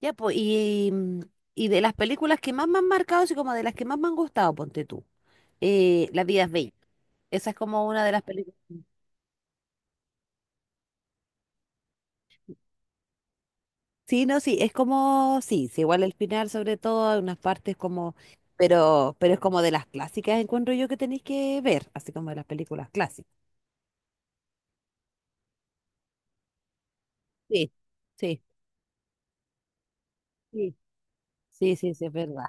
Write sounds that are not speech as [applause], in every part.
Ya, pues, y de las películas que más me han marcado, así como de las que más me han gustado, ponte tú. La vida es bella. Esa es como una de las películas. Sí, no, sí, es como, sí, sí, igual el final sobre todo, hay unas partes como, pero es como de las clásicas, encuentro yo que tenéis que ver, así como de las películas clásicas. Sí, sí, sí, sí, sí, sí, es verdad.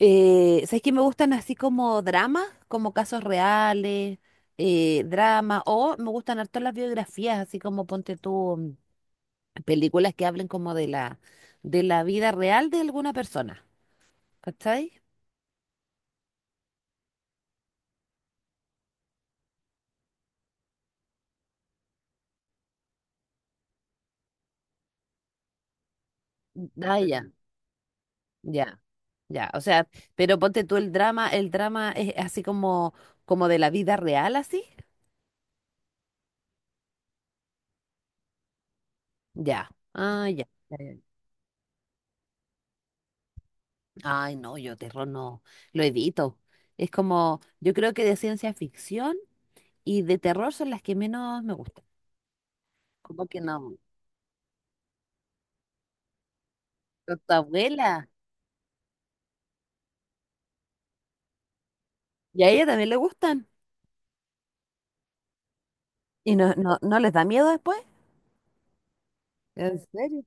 ¿Sabes qué me gustan así como dramas, como casos reales, dramas, o me gustan harto las biografías, así como ponte tú películas que hablen como de la vida real de alguna persona, ¿cachai? Ah, ya, ya, ya, o sea, pero ponte tú el drama es así como de la vida real, así, ya, ah, ya. Ya, ya. Ay, no, yo terror no, lo evito. Es como, yo creo que de ciencia ficción. Y de terror son las que menos me gustan. Como que no, a tu abuela, y a ella también le gustan. ¿Y no les da miedo después? ¿En serio?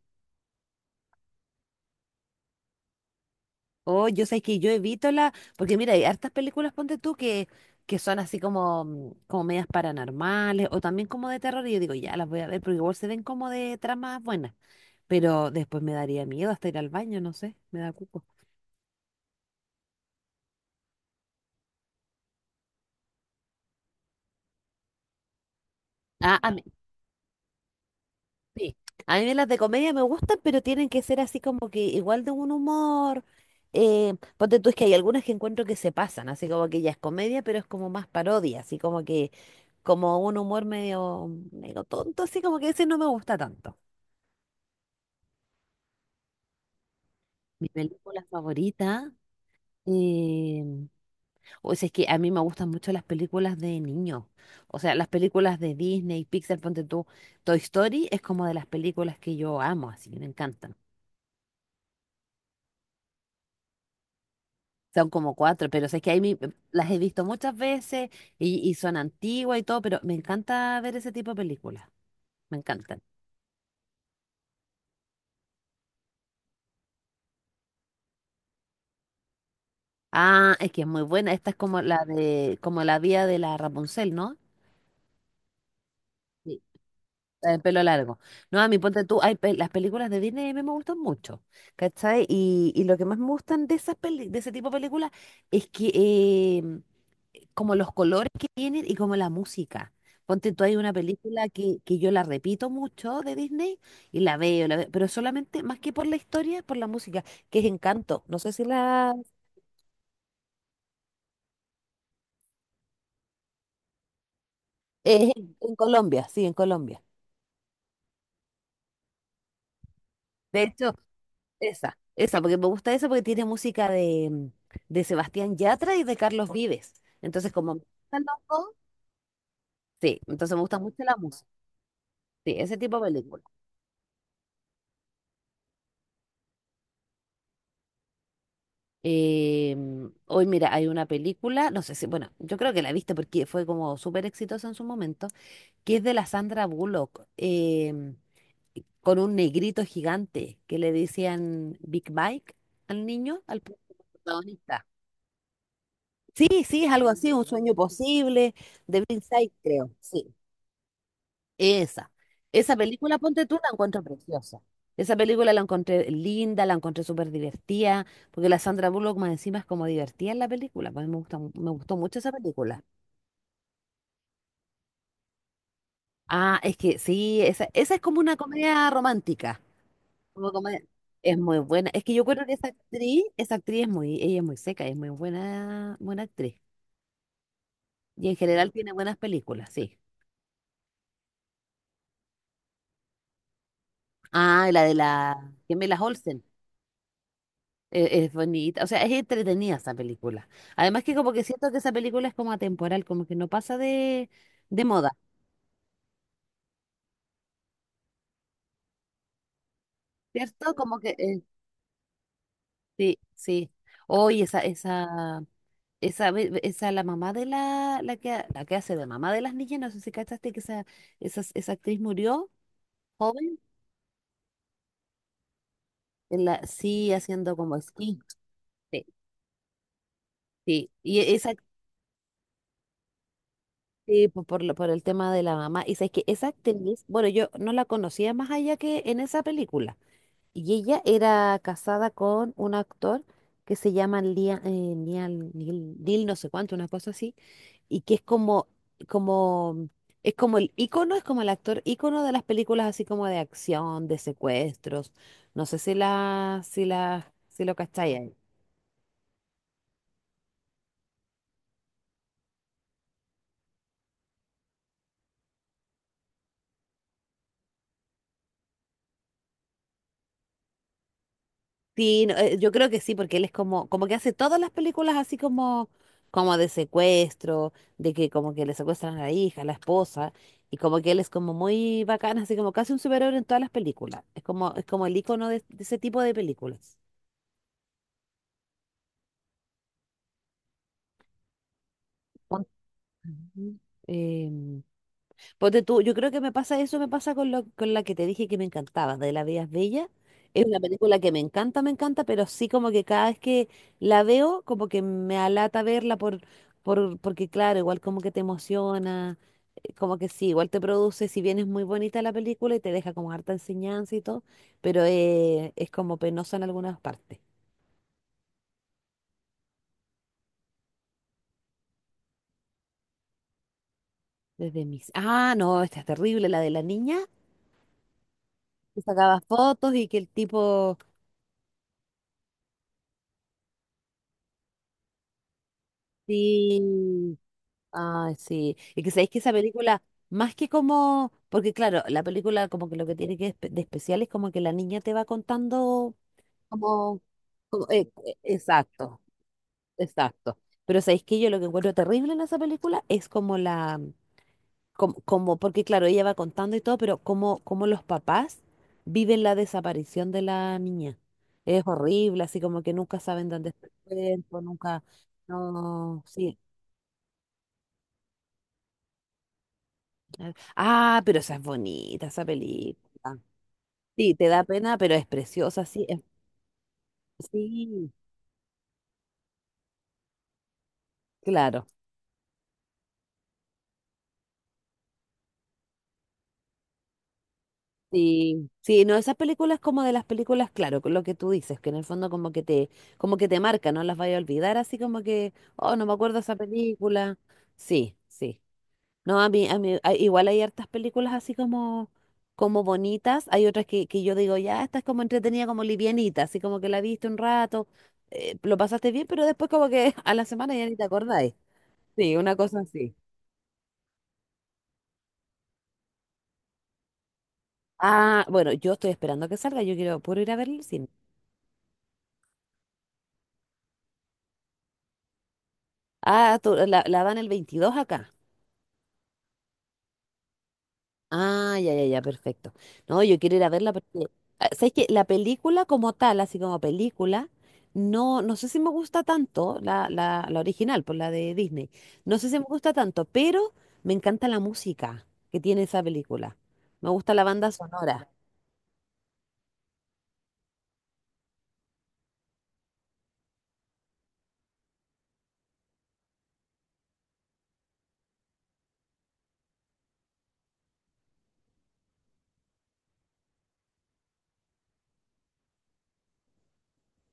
Oh, yo sé que yo evito la, porque mira, hay hartas películas, ponte tú, que son así como, como medias paranormales o también como de terror y yo digo, ya las voy a ver, porque igual se ven como de tramas buenas, pero después me daría miedo hasta ir al baño, no sé, me da cuco. Ah, a sí. A mí las de comedia me gustan, pero tienen que ser así como que igual de un humor. Ponte tú, es que hay algunas que encuentro que se pasan, así como que ya es comedia, pero es como más parodia, así como que, como un humor medio, medio tonto, así como que ese no me gusta tanto. Mi película favorita, eh, o sea, es que a mí me gustan mucho las películas de niños, o sea, las películas de Disney, Pixar, ponte tú, Toy Story es como de las películas que yo amo, así que me encantan. Son como cuatro, pero es que ahí las he visto muchas veces y son antiguas y todo, pero me encanta ver ese tipo de películas. Me encantan. Ah, es que es muy buena. Esta es como la de, como la vía de la Rapunzel, ¿no? Sí. La del pelo largo. No, a mí ponte tú, hay las películas de Disney a mí me gustan mucho, ¿cachai? Y lo que más me gustan de esas de ese tipo de películas es que em, como los colores que tienen y como la música. Ponte tú, hay una película que yo la repito mucho de Disney y la veo, pero solamente más que por la historia, por la música, que es Encanto. No sé si la... Es en Colombia, sí, en Colombia. De hecho, esa, porque me gusta esa porque tiene música de Sebastián Yatra y de Carlos Vives. Entonces, como me gustan los dos, sí, entonces me gusta mucho la música. Sí, ese tipo de película. Hoy, mira, hay una película, no sé si, bueno, yo creo que la viste porque fue como súper exitosa en su momento, que es de la Sandra Bullock, con un negrito gigante que le decían Big Mike al niño, al protagonista. Sí, sí, es algo así, un sueño posible de Blindside, creo. Sí. Esa. Esa película, ponte tú, la encuentro preciosa. Esa película la encontré linda, la encontré súper divertida, porque la Sandra Bullock más encima es como divertida en la película. Pues me gusta, me gustó mucho esa película. Ah, es que sí, esa es como una comedia romántica. Como comedia- es muy buena. Es que yo creo que esa actriz es muy, ella es muy seca, es muy buena, buena actriz. Y en general tiene buenas películas, sí. Ah, y la de la Gemelas Olsen. Es, bonita, o sea, es entretenida esa película. Además que como que siento que esa película es como atemporal, como que no pasa de moda, ¿cierto? Como que sí, sí. Hoy esa, la mamá de la que hace de mamá de las niñas, no sé si cachaste que esa actriz murió joven, en la, sí, haciendo como esquí. Sí, sí. Y esa Sí, por el tema de la mamá. Y sabes que esa actriz, bueno, yo no la conocía más allá que en esa película. Y ella era casada con un actor que se llama Neil no sé cuánto, una cosa así, y que como, es como el ícono, es como el actor ícono de las películas así como de acción, de secuestros. No sé si lo cacháis. Sí, no, yo creo que sí, porque él es como, como que hace todas las películas así como, como de secuestro, de que como que le secuestran a la hija, a la esposa, y como que él es como muy bacán, así como casi un superhéroe en todas las películas. Es como el icono de ese tipo de películas. Pon- Ujú. Em, Ponte tú, yo creo que me pasa eso, me pasa con la que te dije que me encantaba, de La Vida es Bella. Es una película que me encanta, pero sí como que cada vez que la veo, como que me alata verla porque claro, igual como que te emociona, como que sí, igual te produce, si bien es muy bonita la película y te deja como harta enseñanza y todo, pero es como penosa en algunas partes. Desde mis... Ah, no, esta es terrible, la de la niña que sacaba fotos y que el tipo... Sí, ay, sí. Y que sabéis que esa película, más que como, porque claro, la película como que lo que tiene que de especial es como que la niña te va contando como, exacto, exacto. Pero sabéis que yo lo que encuentro terrible en esa película es como la, como, como- porque claro, ella va contando y todo, pero como los papás viven la desaparición de la niña. Es horrible, así como que nunca saben dónde está el cuerpo, nunca, no, sí. Ah, ah, pero esa es bonita, esa película. Sí, te da pena, pero es preciosa, sí, sí, claro. Sí, sí, no, esas películas como de las películas, claro, con lo que tú dices, que en el fondo como que te marca, no las vaya a olvidar, así como que, oh, no me acuerdo esa película. Sí, sí. No, a mí, igual hay hartas películas así como, como bonitas. Hay otras que yo digo, ya, esta es como entretenida, como livianita, así como que la viste un rato, lo pasaste bien, pero después como que [laughs] a la semana ya ni te acordáis. Sí, una cosa así. Ah, bueno, yo estoy esperando a que salga, yo quiero puro ir a ver el cine. Ah, la dan el 22 acá. Ah, ya, ya, ya, perfecto. No, yo quiero ir a verla porque, ah, ¿sabes qué? La película como tal, así como película, no, no sé si me gusta tanto, la original, por la de Disney, no sé si me gusta tanto, pero me encanta la música que tiene esa película. Me gusta la banda sonora.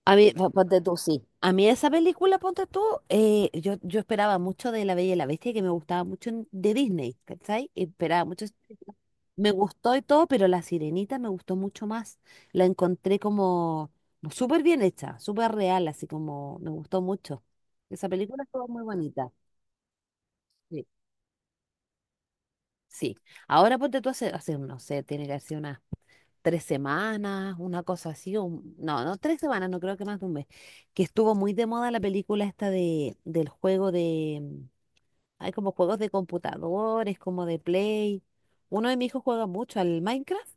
A mí, ponte tú, sí. A mí esa película, ponte tú, yo esperaba mucho de La Bella y la Bestia, que me gustaba mucho de Disney, ¿cachai? Esperaba mucho esa película. Me gustó y todo, pero La Sirenita me gustó mucho más. La encontré como súper bien hecha, súper real, así como me gustó mucho. Esa película estuvo muy bonita. Sí. Sí. Ahora ponte tú hace, no sé, tiene que hacer unas 3 semanas, una cosa así, o no, no, 3 semanas, no creo que más de un mes, que estuvo muy de moda la película esta de, del juego hay como juegos de computadores, como de Play. Uno de mis hijos juega mucho al Minecraft.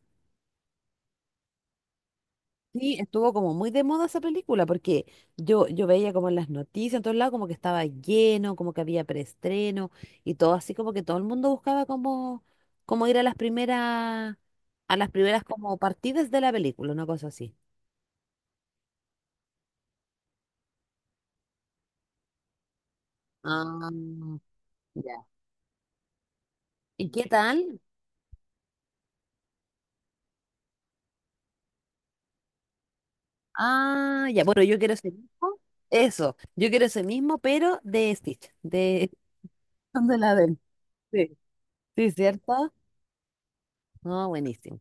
Sí, estuvo como muy de moda esa película, porque yo veía como en las noticias, en todos lados, como que estaba lleno, como que había preestreno, y todo así como que todo el mundo buscaba como ir a las primeras como partidas de la película, una cosa así. Ah. Ya. ¿Y qué tal? Ah, ya, bueno, yo quiero ese mismo. Eso, yo quiero ese mismo, pero de Stitch, de, [laughs] de la del. Sí, sí, ¿cierto? No, buenísimo.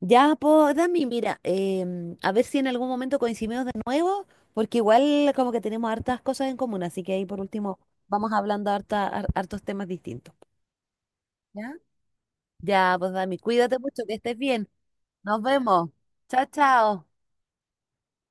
Ya, pues, Dami, mira, a ver si en algún momento coincidimos de nuevo, porque igual como que tenemos hartas cosas en común, así que ahí por último vamos hablando hartos temas distintos. ¿Ya? Ya, pues, Dami, cuídate mucho, que estés bien. Nos vemos. Chao, chao.